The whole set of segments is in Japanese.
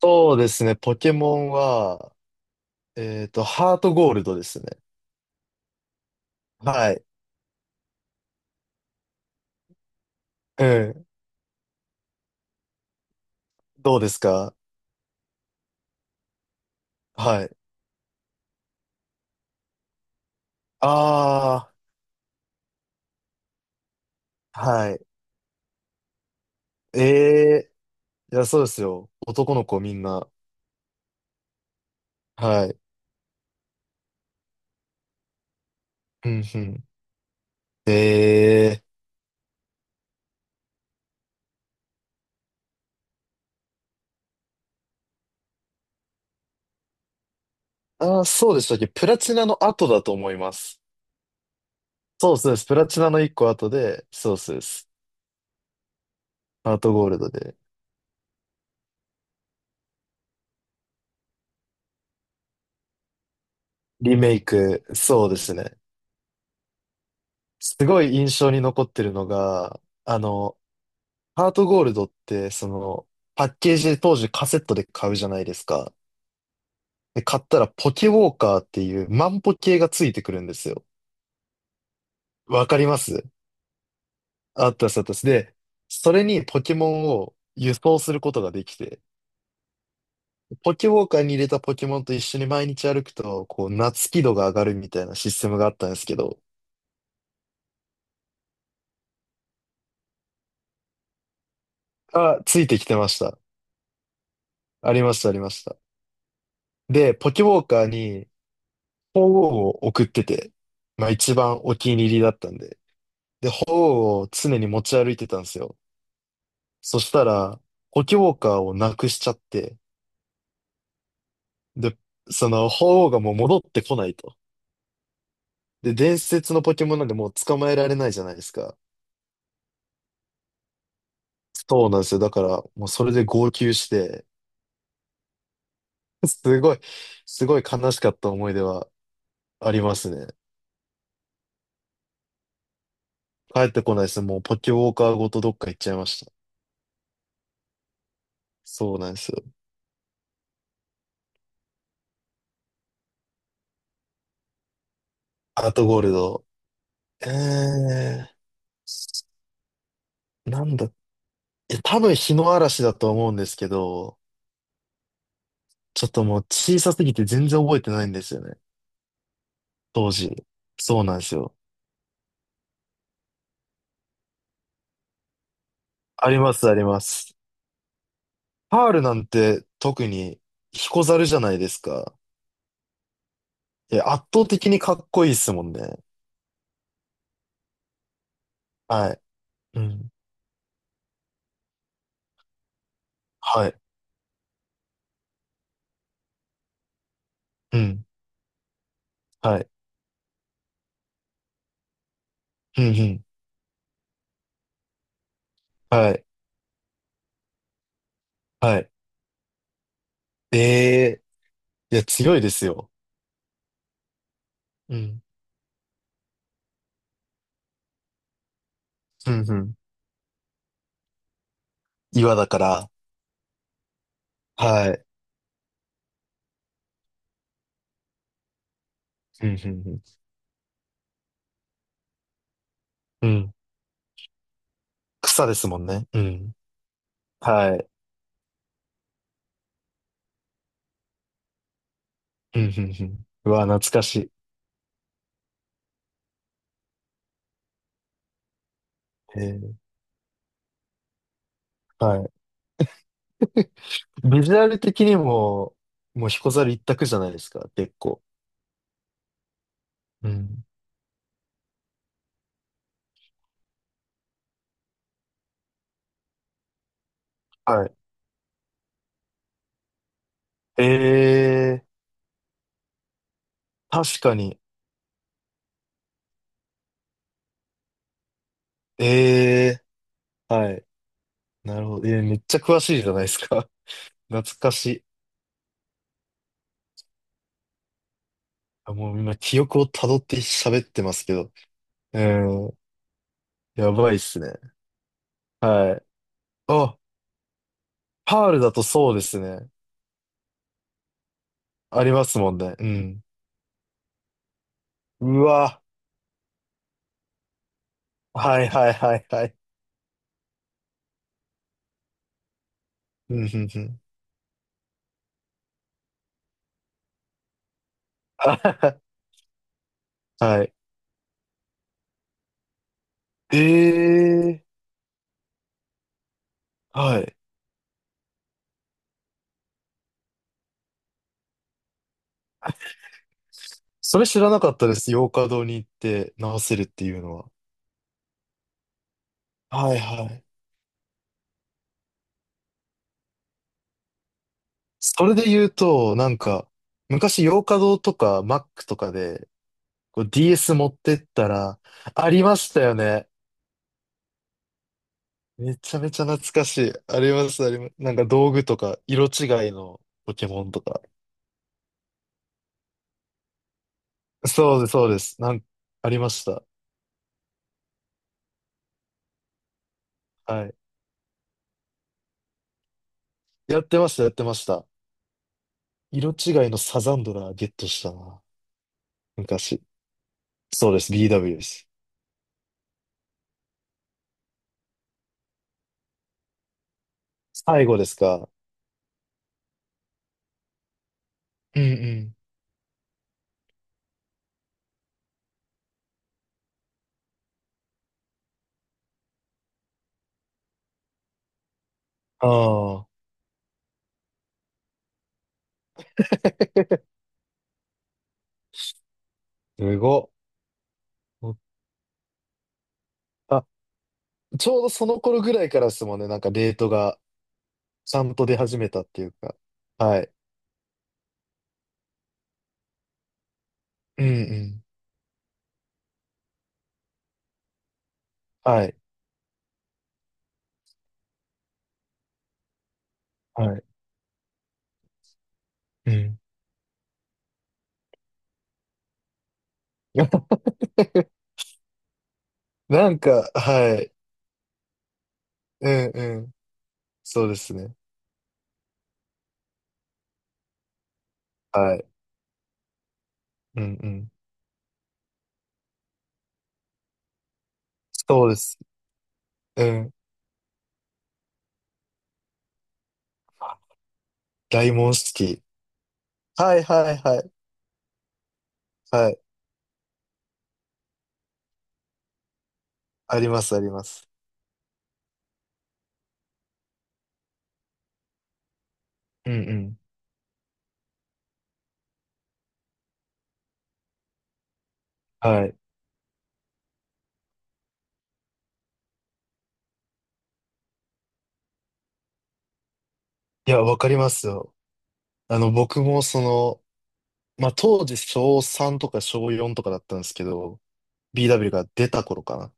そうですね、ポケモンは、ハートゴールドですね。はい。うん。どうですか？はい。ああ、はい。ええ、いや、そうですよ。男の子みんな。はい。うんうん。ええ、ああー、そうでしたっけ？プラチナの後だと思います。そうそうです。プラチナの一個後で、そうそうです。ハートゴールドで。リメイク、そうですね。すごい印象に残ってるのが、ハートゴールドって、パッケージで当時カセットで買うじゃないですか。で、買ったらポケウォーカーっていう万歩計がついてくるんですよ。わかります。あったです、あったです。で、それにポケモンを輸送することができて、ポケウォーカーに入れたポケモンと一緒に毎日歩くと、こう、夏輝度が上がるみたいなシステムがあったんですけど、あ、ついてきてました。ありました、ありました。で、ポケウォーカーに、鳳凰を送ってて、まあ一番お気に入りだったんで。で、本を常に持ち歩いてたんですよ。そしたら、ポケモンカーをなくしちゃって、で、その本がもう戻ってこないと。で、伝説のポケモンなんでもう捕まえられないじゃないですか。そうなんですよ。だから、もうそれで号泣して、すごい、すごい悲しかった思い出はありますね。帰ってこないですね。もうポケモンカーごとどっか行っちゃいました。そうなんですよ。アートゴールド。えー、なんだ。多分日の嵐だと思うんですけど、ちょっともう小さすぎて全然覚えてないんですよね。当時。そうなんですよ。あります、あります。パールなんて特に彦猿じゃないですか。いや、圧倒的にかっこいいっすもんね。はい。うん。はい。うん。はい。うん、うん。はい。はい。ええ、いや、強いですよ。うん。うん、うん。岩だから。はい。うん、うん、うん。うん。草ですもんね。うん。はい。うん、うん、うん。うわ、懐かしい。ええ、はい。ビジュアル的にも、もう彦猿一択じゃないですか、結構。うん。はい。ええー、確かに。ええー、はい。なるほど。めっちゃ詳しいじゃないですか。懐かしい。あ、もう今、記憶を辿って喋ってますけど。うん、やばいっすね。はい。あ、パールだとそうですね。ありますもんね。うん。うわ。はいはいはいはい。うん、うん、うん。あはは。はい。ええー、はい。それ知らなかったです。洋華堂に行って直せるっていうのは。はいはい。それで言うと、なんか、昔洋華堂とか Mac とかで、こう DS 持ってったら、ありましたよね。めちゃめちゃ懐かしい。あります、あります。なんか道具とか、色違いのポケモンとか。そうです、そうです。ありました。はい。やってました、やってました。色違いのサザンドラゲットしたな。昔。そうです、BW です。最後ですか？うんうん。ああ、すごっ。あ、ちょうどその頃ぐらいからですもんね、なんかレートがちゃんと出始めたっていうか。はい。うんうん。はい。はい。うん。なんか、はい。うんうん。そうですね。はい。うんうん。そうです。うん。大門式。はいはいはい。はい。あります、あります。うんうん。はい。いや、わかりますよ。僕もまあ、当時小3とか小4とかだったんですけど、BW が出た頃かな。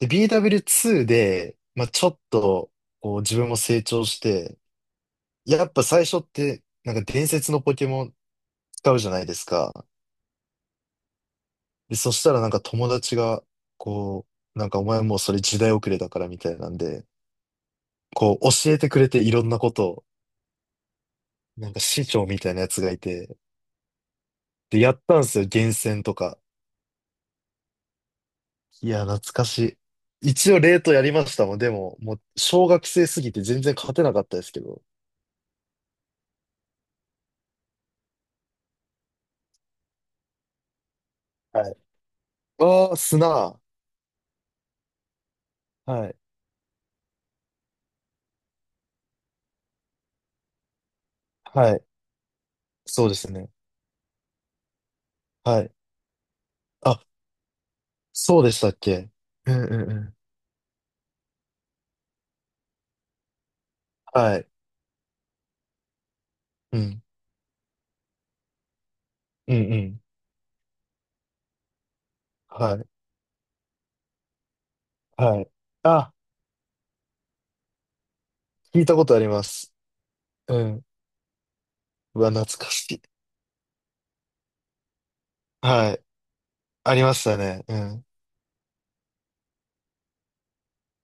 で、BW2 で、まあ、ちょっと、こう、自分も成長して、やっぱ最初って、なんか伝説のポケモン使うじゃないですか。で、そしたらなんか友達が、こう、なんかお前もうそれ時代遅れだからみたいなんで、こう、教えてくれていろんなことを、なんか師匠みたいなやつがいて、で、やったんですよ、厳選とか。いや、懐かしい。一応、レートやりましたもん。でも、もう、小学生すぎて全然勝てなかったですけど。はい。ああ、砂。はい。はい。そうですね。はい。あ、そうでしたっけ？うんうんうん。はい。うん。うんうん。はい。はい。あ、聞いたことあります。うん。うわ、懐かしい。はい。ありましたね。うん。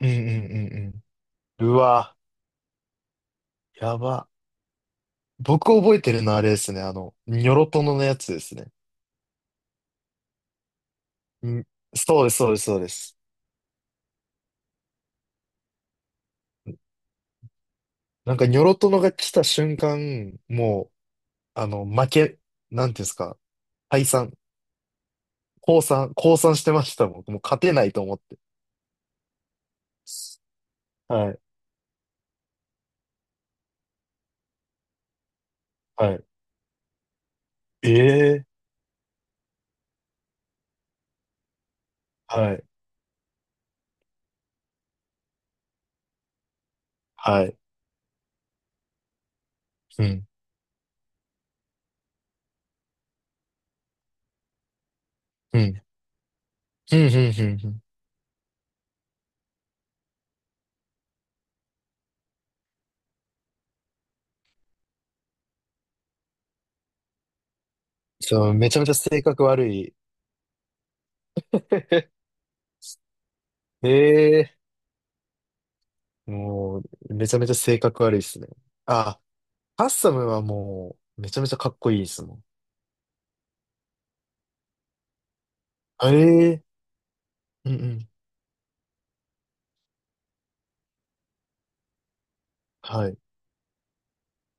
うんうんうんうん。うわ、やば。僕覚えてるのはあれですね。あの、ニョロトノのやつですね。ん、そうです、そうです、そうです。なんか、ニョロトノが来た瞬間、もう、あの、負け、なんていうんですか、退散、降参、降参してましたもん。もう勝てないと思って。はい、はい。ええ、はい、はい。うん、うん、うん、うん、うん。うん。そう、めちゃめちゃ性格悪い。ええ、もう、めちゃめちゃ性格悪いっすね。あ、ハッサムはもう、めちゃめちゃかっこいいですもん。ええ。うんうん。はい。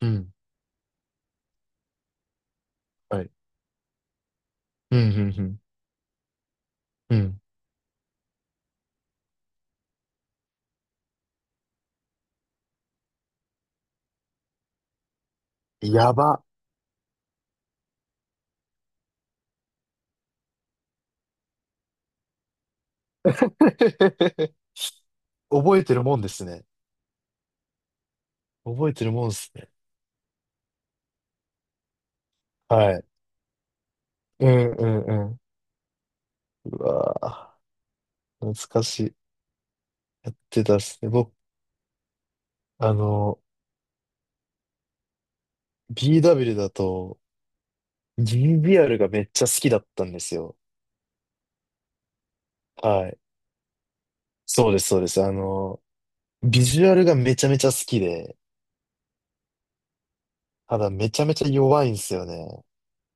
うん。はい。うん、うん、うん。うん。やば。覚えてるもんですね。覚えてるもんですね。はい。うん、うん、うわぁ、懐かしい。やってたっすね。僕、あの、BW だと、GBR がめっちゃ好きだったんですよ。はい。そうです、そうです。あの、ビジュアルがめちゃめちゃ好きで、ただめちゃめちゃ弱いんですよね。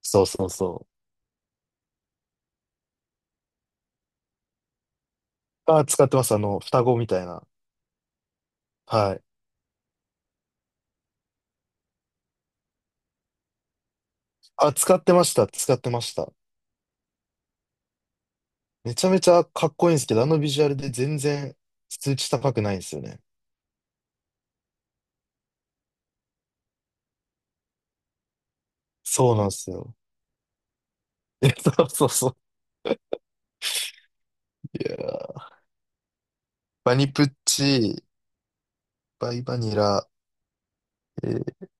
そうそうそう。あ、使ってます。あの、双子みたいな。はい。あ、使ってました。使ってました。めちゃめちゃかっこいいんですけど、あのビジュアルで全然数値高くないんですよね。そうなんですよ。え、そうそうそう。いやー、バニプッチ、バイバニラ、えー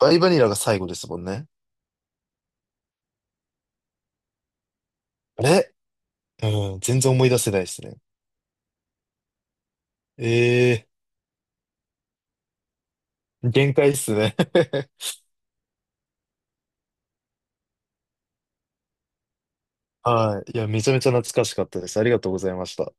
バイバニラが最後ですもんね。あれ、うん、全然思い出せないですね。ええー、限界っすね。はい。いや、めちゃめちゃ懐かしかったです。ありがとうございました。